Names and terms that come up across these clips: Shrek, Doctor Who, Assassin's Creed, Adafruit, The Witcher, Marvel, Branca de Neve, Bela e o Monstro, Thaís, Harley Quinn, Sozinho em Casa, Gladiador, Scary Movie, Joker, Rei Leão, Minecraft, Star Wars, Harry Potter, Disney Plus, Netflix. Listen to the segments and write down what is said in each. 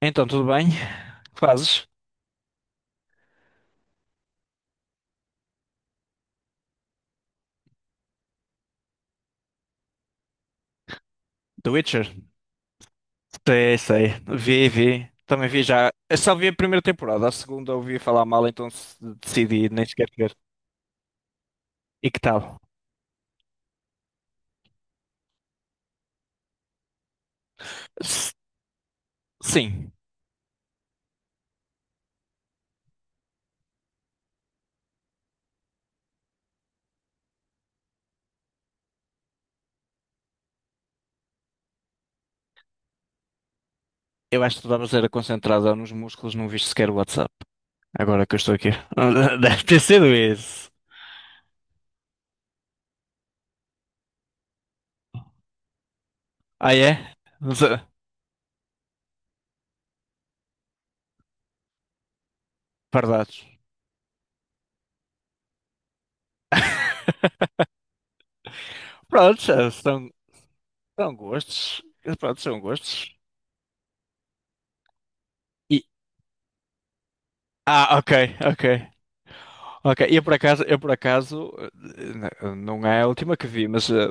Então, tudo bem? O que fazes? The Witcher? Sei, sei. Vi, vi. Também vi já. Eu só vi a primeira temporada, a segunda ouvi falar mal, então decidi nem sequer ver. E que tal? S- sim. Eu acho que tu estavas era concentrada nos músculos, não viste sequer o WhatsApp. Agora que eu estou aqui. Deve ter sido isso. Ah, é? Não sei. Pardados. Prontos, são, são gostos. Prontos, são gostos. Ah, ok, ok. Ok, eu por acaso, não é a última que vi, mas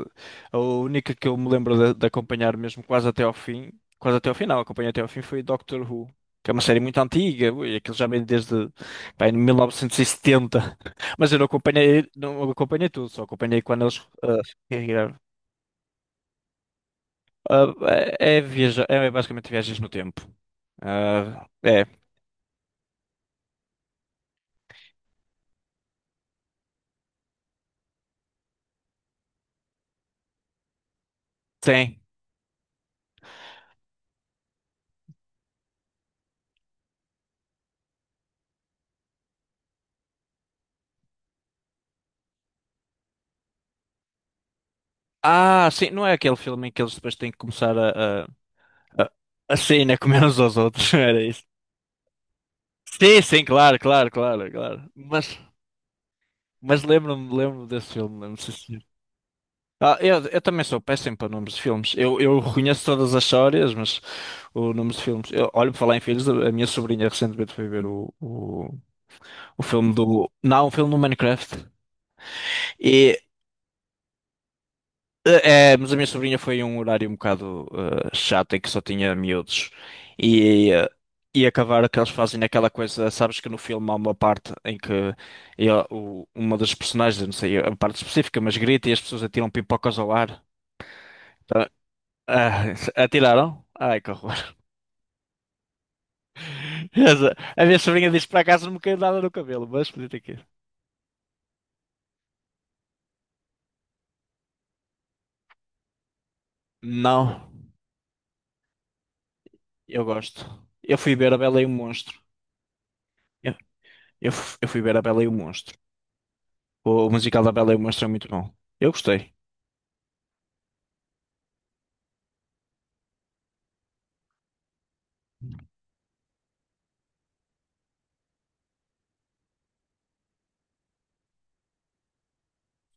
a única que eu me lembro de acompanhar mesmo quase até ao fim, quase até ao final, acompanhei até ao fim foi Doctor Who, que é uma série muito antiga, ui, aquilo já vem desde, pá, em 1970. Mas eu não acompanhei, não acompanhei tudo, só acompanhei quando eles regravaram. Ah, é, é basicamente viagens no tempo. Ah, é, tem. Ah, sim, não é aquele filme em que eles depois têm que começar a... Ah, assim, né? Comendo uns aos outros, era isso. Sim, sim, claro, claro, claro, claro. Mas, mas lembro-me desse filme, lembro-me, sim, senhor. Ah, eu também sou péssimo para nomes de filmes. Eu reconheço todas as histórias, mas o nome de filmes. Eu, olho para falar em filhos, a minha sobrinha recentemente foi ver o filme do. Não, o filme do Minecraft. E É, mas a minha sobrinha foi um horário um bocado chato em que só tinha miúdos e, e acabar que eles fazem aquela coisa, sabes que no filme há uma parte em que uma das personagens, eu não sei a parte específica, mas grita e as pessoas atiram pipocas ao ar. Tá? Ah, atiraram? Ai, que horror. A minha sobrinha disse que para casa não me caiu nada no cabelo, mas podia ter caído. Não, eu gosto. Eu fui ver a Bela e o Monstro. Eu, eu fui ver a Bela e o Monstro. O musical da Bela e o Monstro é muito bom. Eu gostei.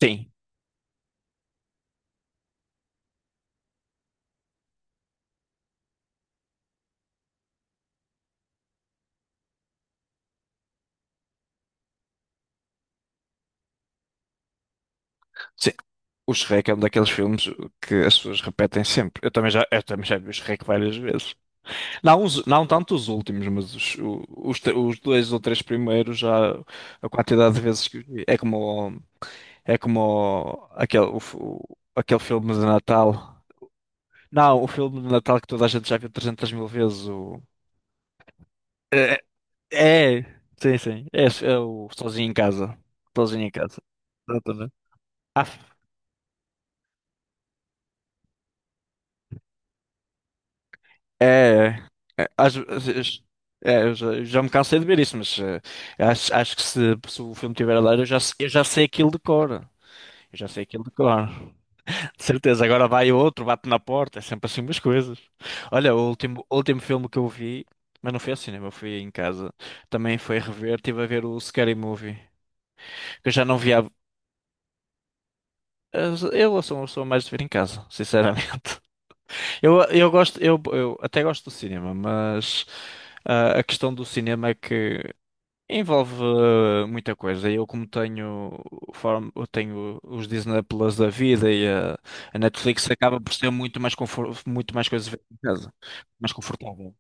Sim. Sim. O Shrek é um daqueles filmes que as pessoas repetem sempre. Eu também já vi o Shrek várias vezes. Não, não tanto os últimos, mas os dois ou três primeiros já a quantidade de vezes que vi. É como aquele, aquele filme de Natal. Não, o filme de Natal que toda a gente já viu 300 mil vezes. O... É, é, sim, sim. É o Sozinho em Casa. Sozinho em Casa. Exatamente. Ah, é, é, é, às vezes- é, eu já me cansei de ver isso, mas acho que se o filme tiver a dar, eu já, se- eu já sei aquilo de cor. Eu já sei aquilo de cor. De certeza, agora vai outro, bate na porta, é sempre assim umas coisas. Olha, o último filme que eu vi, mas não foi ao cinema, fui em casa. Também foi rever, estive a ver o Scary Movie, que eu já não via. Eu sou uma pessoa mais de ver em casa, sinceramente. Eu até gosto do cinema, mas a questão do cinema é que envolve muita coisa. Eu como tenho eu tenho os Disney Plus da vida e a Netflix acaba por ser muito mais muito mais coisas a ver em casa, mais confortável.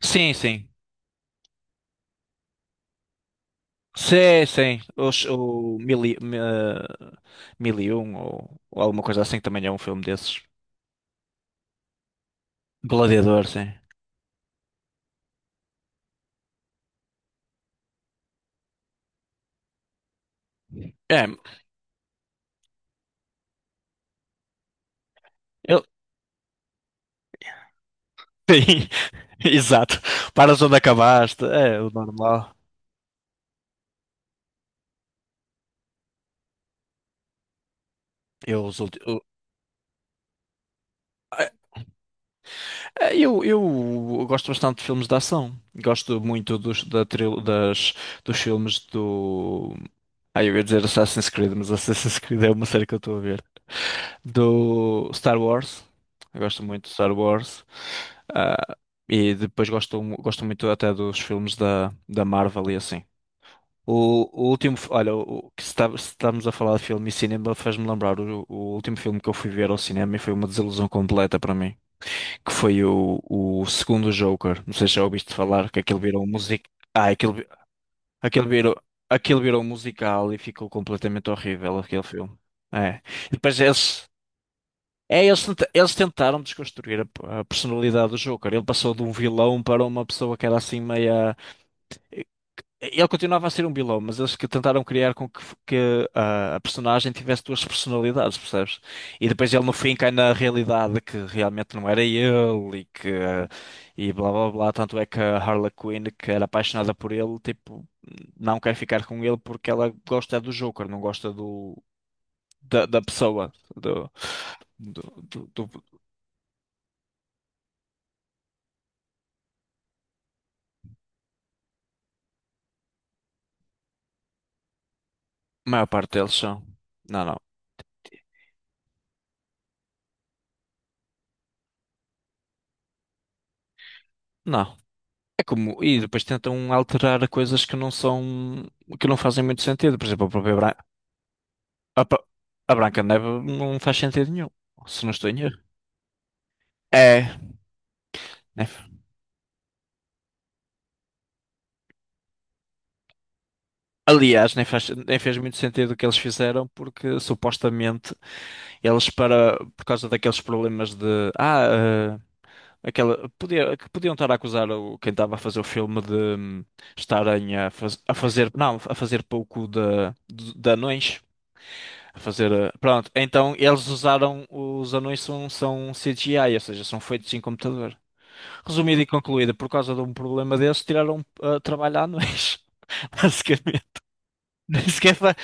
Sim, sim. Sim, sim. Os, o mil e, mil e um ou alguma coisa assim que também é um filme desses. Gladiador, sim. É, eu, sim, exato. Paras onde acabaste, é o normal. Eu, os ulti- o- eh, eh, eu gosto bastante de filmes de ação. Gosto muito dos, da, tril- das, dos filmes do. Ah, eu ia dizer Assassin's Creed, mas Assassin's Creed é uma série que eu estou a ver. Do Star Wars. Eu gosto muito de Star Wars. Ah, e depois gosto muito até dos filmes da Marvel e assim. Olha, o que se estamos a falar de filme e cinema faz-me lembrar o último filme que eu fui ver ao cinema e foi uma desilusão completa para mim, que foi o segundo Joker. Não sei se já ouviste falar, que aquilo virou música. Ah, aquilo, Aquilo virou, aquilo virou um musical e ficou completamente horrível aquele filme. É. E depois eles, é, eles, tenta- Eles tentaram desconstruir a personalidade do Joker. Ele passou de um vilão para uma pessoa que era assim meia. Ele continuava a ser um vilão, mas eles que tentaram criar com que a personagem tivesse duas personalidades, percebes? E depois ele no fim cai na realidade que realmente não era ele e que e blá blá blá. Tanto é que a Harley Quinn, que era apaixonada por ele, tipo, não quer ficar com ele porque ela gosta do Joker, não gosta da pessoa, do, do, do- maior parte deles são. Não, não. Não. É como, e depois tentam alterar coisas que não são, que não fazem muito sentido. Por exemplo, a própria Bran- a, pa- a Branca de Neve não faz sentido nenhum, se não estou em erro. É, né? Aliás, nem faz, nem fez muito sentido o que eles fizeram, porque supostamente por causa daqueles problemas de, ah, que podiam estar a acusar quem estava a fazer o filme de, estarem a, faz- a fazer, não, a fazer pouco de anões. A fazer. Pronto, então eles usaram. Os anões são CGI, ou seja, são feitos em computador. Resumido e concluído, por causa de um problema desses, tiraram trabalho a anões. Basicamente. Nem sequer fa...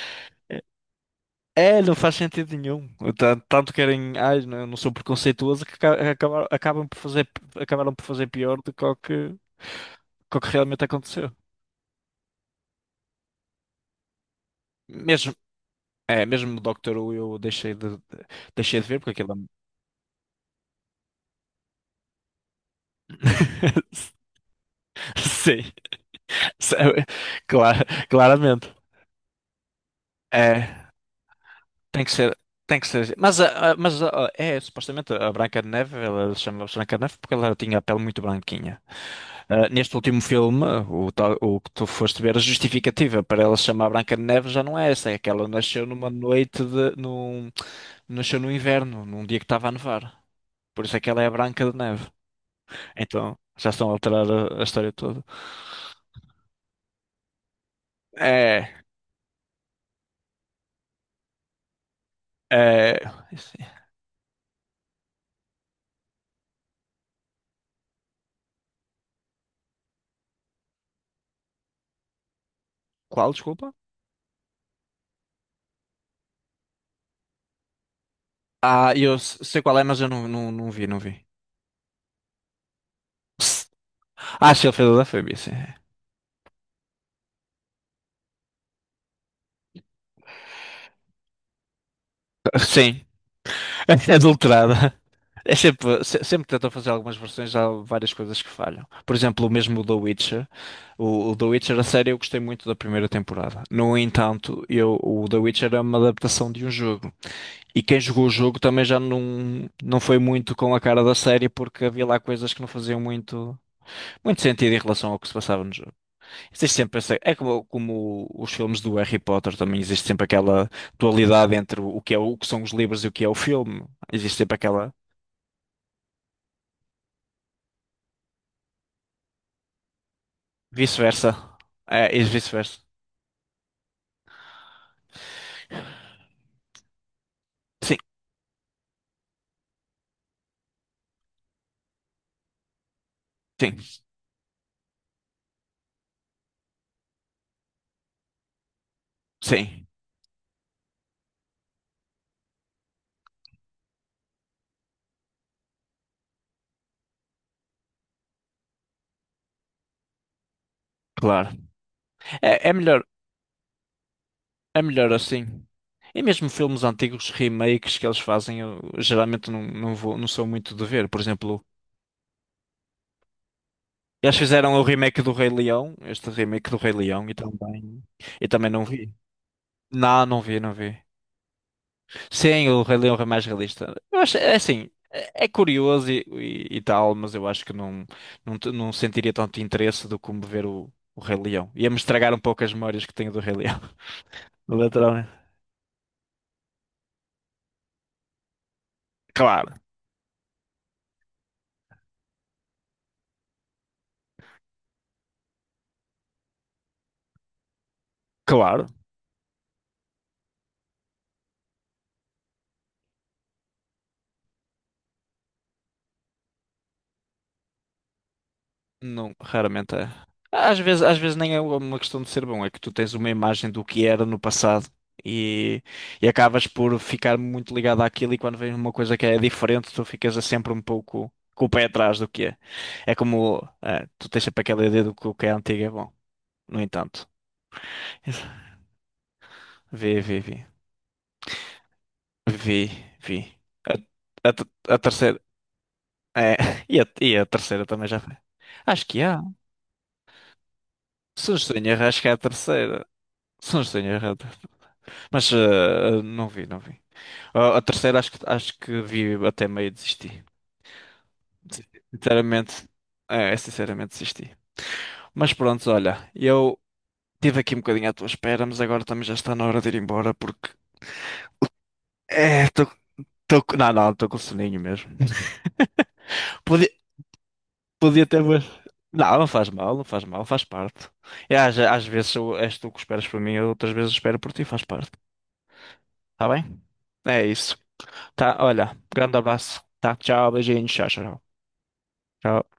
É, não faz sentido nenhum. Tanto querem. Ai, não, eu não sou preconceituoso que acabam por fazer, acabaram por fazer pior do que o que realmente aconteceu. Mesmo, mesmo o Doctor Who eu deixei deixei de ver porque aquilo é. Sim. Sabe? Claro, claramente. É, tem que ser, tem que ser assim. Supostamente a Branca de Neve, ela chama se Branca de Neve porque ela tinha a pele muito branquinha. Ah, neste último filme, o que tu foste ver, a justificativa para ela se chamar Branca de Neve já não é essa, é que ela nasceu numa noite nasceu no inverno, num dia que estava a nevar. Por isso é que ela é a Branca de Neve. Então, já estão a alterar a história toda. É, é, qual, desculpa? Ah, eu sei qual é, mas eu não vi. Ah, se ele fez Adafruit, sim. Sim, adulterada. É sempre, sempre tentam fazer algumas versões, há várias coisas que falham. Por exemplo, o mesmo The Witcher. O The Witcher, a série, eu gostei muito da primeira temporada. No entanto, eu, o The Witcher é uma adaptação de um jogo. E quem jogou o jogo também já não foi muito com a cara da série, porque havia lá coisas que não faziam muito sentido em relação ao que se passava no jogo. Existe sempre essa, é como os filmes do Harry Potter também existe sempre aquela dualidade entre o que é o que são os livros e o que é o filme. Existe sempre aquela vice-versa. É, e vice-versa. Sim, sim, sim, claro. É, é melhor assim. E mesmo filmes antigos, remakes que eles fazem, eu geralmente não vou, não sou muito de ver. Por exemplo, eles fizeram o remake do Rei Leão, este remake do Rei Leão, e também não vi. Não, não vi. Sim, o Rei Leão é mais realista. Eu acho, é assim, é curioso e tal, mas eu acho que não sentiria tanto interesse do como ver o Rei Leão. Ia-me estragar um pouco as memórias que tenho do Rei Leão. Literalmente. Claro, claro. Não, raramente é. Às vezes nem é uma questão de ser bom, é que tu tens uma imagem do que era no passado e, e acabas por ficar muito ligado àquilo e quando vem uma coisa que é diferente, tu ficas sempre um pouco com o pé atrás do que é. É como, tu tens sempre aquela ideia do que o que é antigo é bom. No entanto, vi, vi, vi, vi, vi. A terceira, é, e a terceira também já foi. Acho que há. Se não estou em erro, acho que é a terceira. Se não estou em erro, mas não vi. A terceira acho que vi até meio e desisti. Desisti. Sinceramente, sinceramente desisti. Mas pronto, olha, eu tive aqui um bocadinho à tua espera, mas agora também já está na hora de ir embora porque é, tô, não, não, estou com soninho mesmo. Podia, podia ter mais... Não, não faz mal, não faz mal, faz parte. E às vezes és tu que esperas por mim, outras vezes eu espero por ti, faz parte. Tá bem? É isso. Tá, olha, grande abraço. Tá, tchau, beijinhos, tchau, tchau, tchau.